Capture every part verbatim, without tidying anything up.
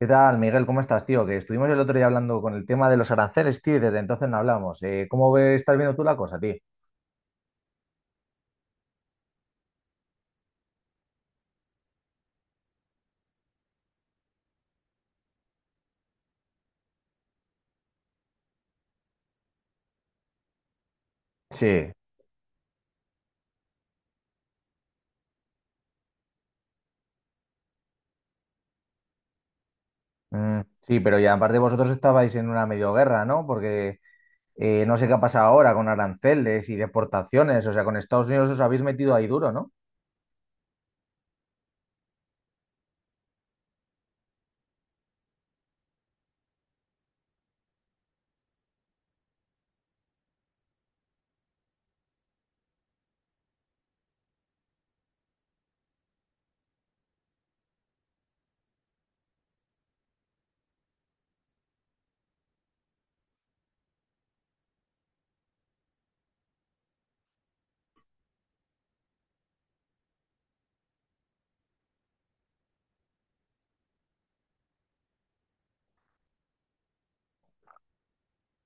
¿Qué tal, Miguel? ¿Cómo estás, tío? Que estuvimos el otro día hablando con el tema de los aranceles, tío, y desde entonces no hablamos. Eh, ¿cómo ves, estás viendo tú la cosa, tío? Sí, mm, sí, pero ya aparte vosotros estabais en una medio guerra, ¿no? Porque eh, no sé qué ha pasado ahora con aranceles y deportaciones, o sea, con Estados Unidos os habéis metido ahí duro, ¿no?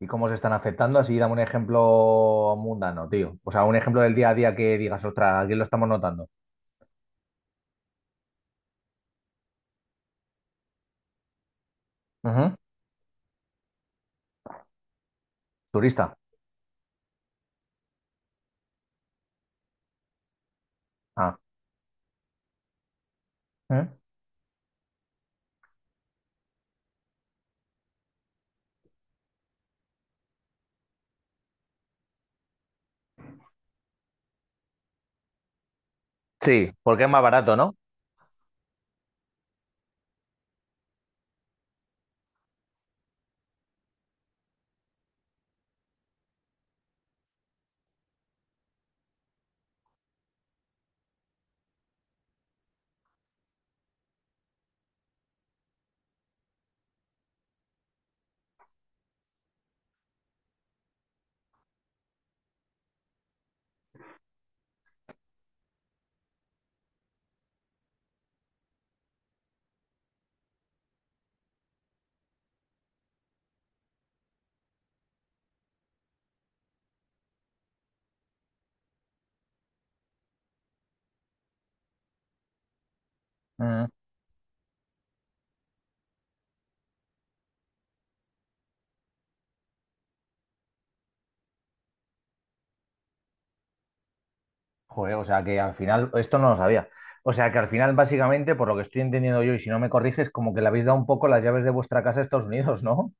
¿Y cómo os están afectando? Así dame un ejemplo mundano, tío. O sea, un ejemplo del día a día que digas, ostras, aquí lo estamos notando. Ujú. Turista. Ah. ¿Mm? Sí, porque es más barato, ¿no? Joder, o sea que al final, esto no lo sabía. O sea que al final, básicamente, por lo que estoy entendiendo yo, y si no me corriges, como que le habéis dado un poco las llaves de vuestra casa a Estados Unidos, ¿no?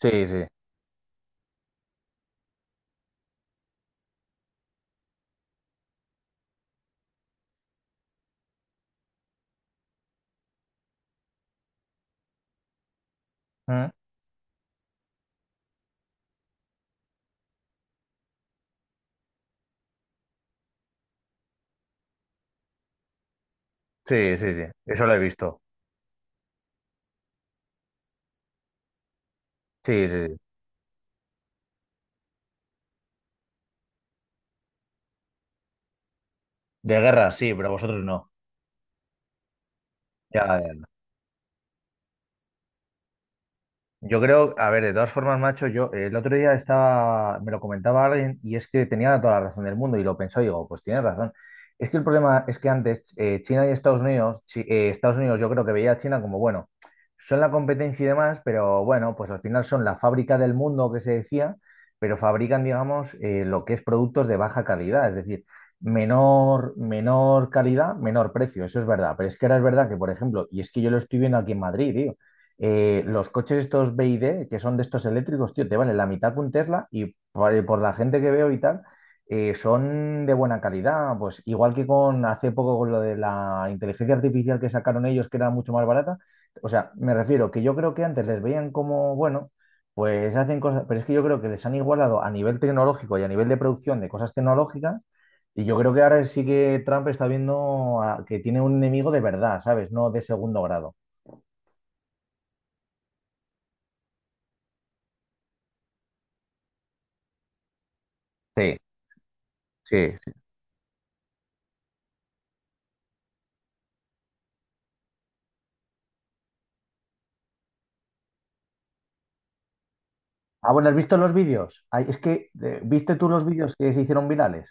Sí, sí. Mm. Sí, sí, sí. Eso lo he visto. Sí, sí, sí. De guerra, sí, pero vosotros no. Ya, ya. Yo creo, a ver, de todas formas, macho, yo eh, el otro día estaba, me lo comentaba alguien y es que tenía toda la razón del mundo y lo pensó y digo, pues tienes razón. Es que el problema es que antes eh, China y Estados Unidos, Chi- eh, Estados Unidos yo creo que veía a China como, bueno, son la competencia y demás, pero bueno, pues al final son la fábrica del mundo que se decía, pero fabrican, digamos, eh, lo que es productos de baja calidad, es decir, menor, menor calidad, menor precio, eso es verdad. Pero es que ahora es verdad que, por ejemplo, y es que yo lo estoy viendo aquí en Madrid, tío eh, los coches estos B y D, que son de estos eléctricos, tío, te vale la mitad que un Tesla y por, eh, por la gente que veo y tal, eh, son de buena calidad. Pues igual que con hace poco con lo de la inteligencia artificial que sacaron ellos, que era mucho más barata. O sea, me refiero que yo creo que antes les veían como, bueno, pues hacen cosas, pero es que yo creo que les han igualado a nivel tecnológico y a nivel de producción de cosas tecnológicas. Y yo creo que ahora sí que Trump está viendo a- que tiene un enemigo de verdad, ¿sabes? No de segundo grado. Sí, sí. Ah, bueno, ¿has visto los vídeos? Ay, es que, eh, ¿viste tú los vídeos que se hicieron virales?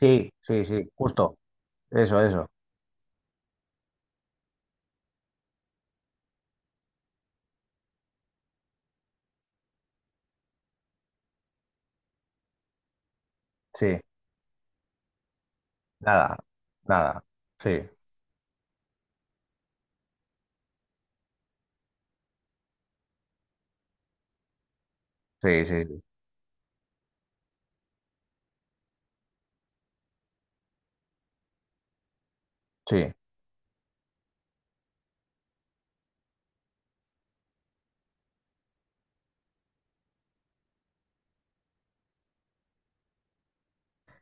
Sí, sí, sí, justo. Eso, eso. Sí, nada, nada. Sí, sí, sí, sí. Sí,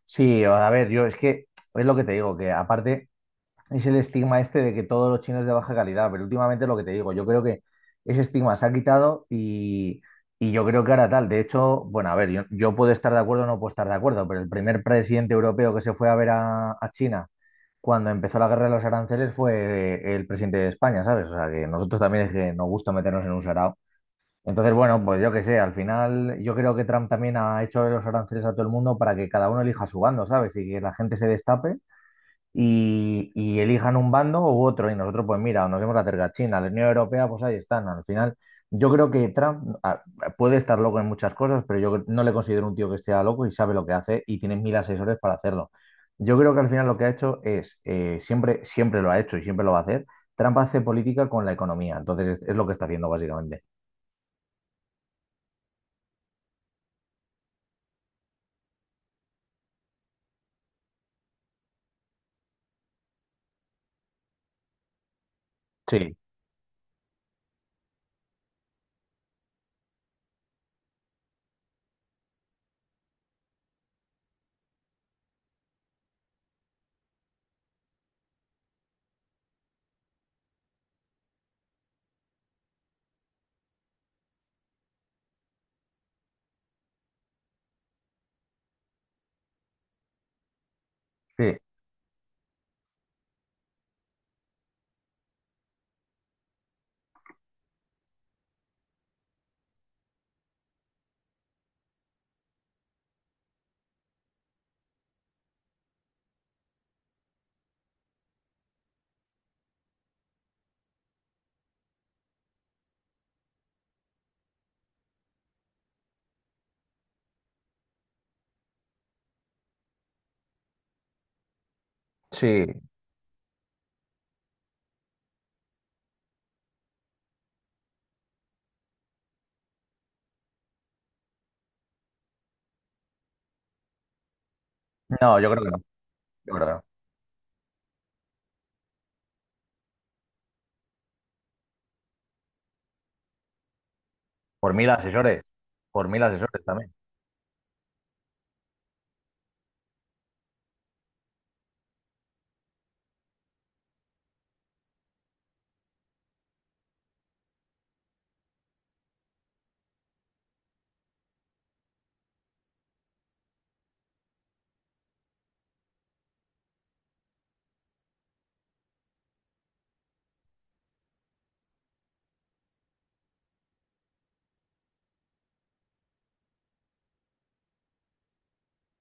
sí, a ver, yo es que es lo que te digo, que aparte. Es el estigma este de que todos los chinos de baja calidad, pero últimamente lo que te digo, yo creo que ese estigma se ha quitado y, y yo creo que ahora tal. De hecho, bueno, a ver, yo, yo puedo estar de acuerdo o no puedo estar de acuerdo, pero el primer presidente europeo que se fue a ver a, a China cuando empezó la guerra de los aranceles fue el presidente de España, ¿sabes? O sea, que nosotros también es que nos gusta meternos en un sarao. Entonces, bueno, pues yo qué sé, al final yo creo que Trump también ha hecho los aranceles a todo el mundo para que cada uno elija su bando, ¿sabes? Y que la gente se destape y, y elijan un bando u otro y nosotros pues mira, nos hemos acercado a China, a la Unión Europea, pues ahí están. Al final, yo creo que Trump ah, puede estar loco en muchas cosas, pero yo no le considero un tío que esté loco y sabe lo que hace y tiene mil asesores para hacerlo. Yo creo que al final lo que ha hecho es, eh, siempre, siempre lo ha hecho y siempre lo va a hacer, Trump hace política con la economía, entonces es, es lo que está haciendo básicamente. Sí, sí, sí. No, yo creo que no, yo creo que no. Por mil asesores, por mil asesores también.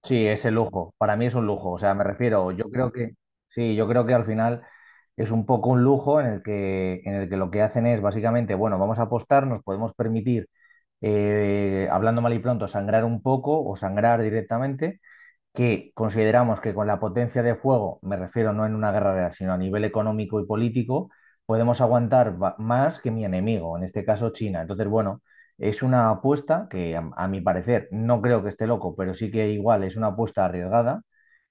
Sí, es el lujo. Para mí es un lujo. O sea, me refiero, yo creo que, sí, yo creo que al final es un poco un lujo en el que, en el que lo que hacen es básicamente, bueno, vamos a apostar, nos podemos permitir, eh, hablando mal y pronto, sangrar un poco o sangrar directamente que consideramos que con la potencia de fuego, me refiero no en una guerra real, sino a nivel económico y político, podemos aguantar ba- más que mi enemigo, en este caso China. Entonces, bueno, es una apuesta que a, a mi parecer no creo que esté loco, pero sí que igual es una apuesta arriesgada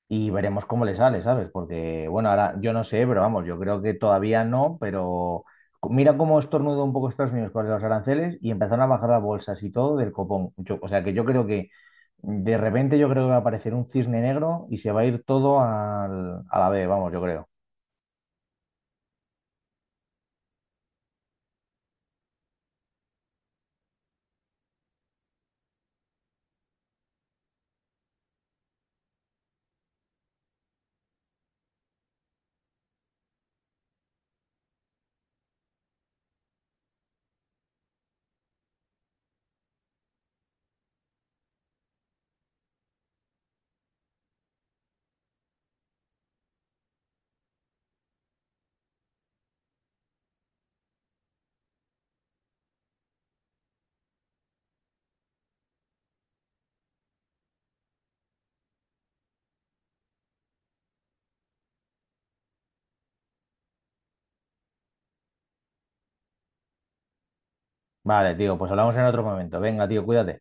y veremos cómo le sale, ¿sabes? Porque, bueno, ahora yo no sé, pero vamos, yo creo que todavía no, pero co- mira cómo estornudó un poco Estados Unidos con los aranceles y empezaron a bajar las bolsas y todo del copón. Yo- o sea que yo creo que de repente yo creo que va a aparecer un cisne negro y se va a ir todo al- a la B, vamos, yo creo. Vale, tío, pues hablamos en otro momento. Venga, tío, cuídate.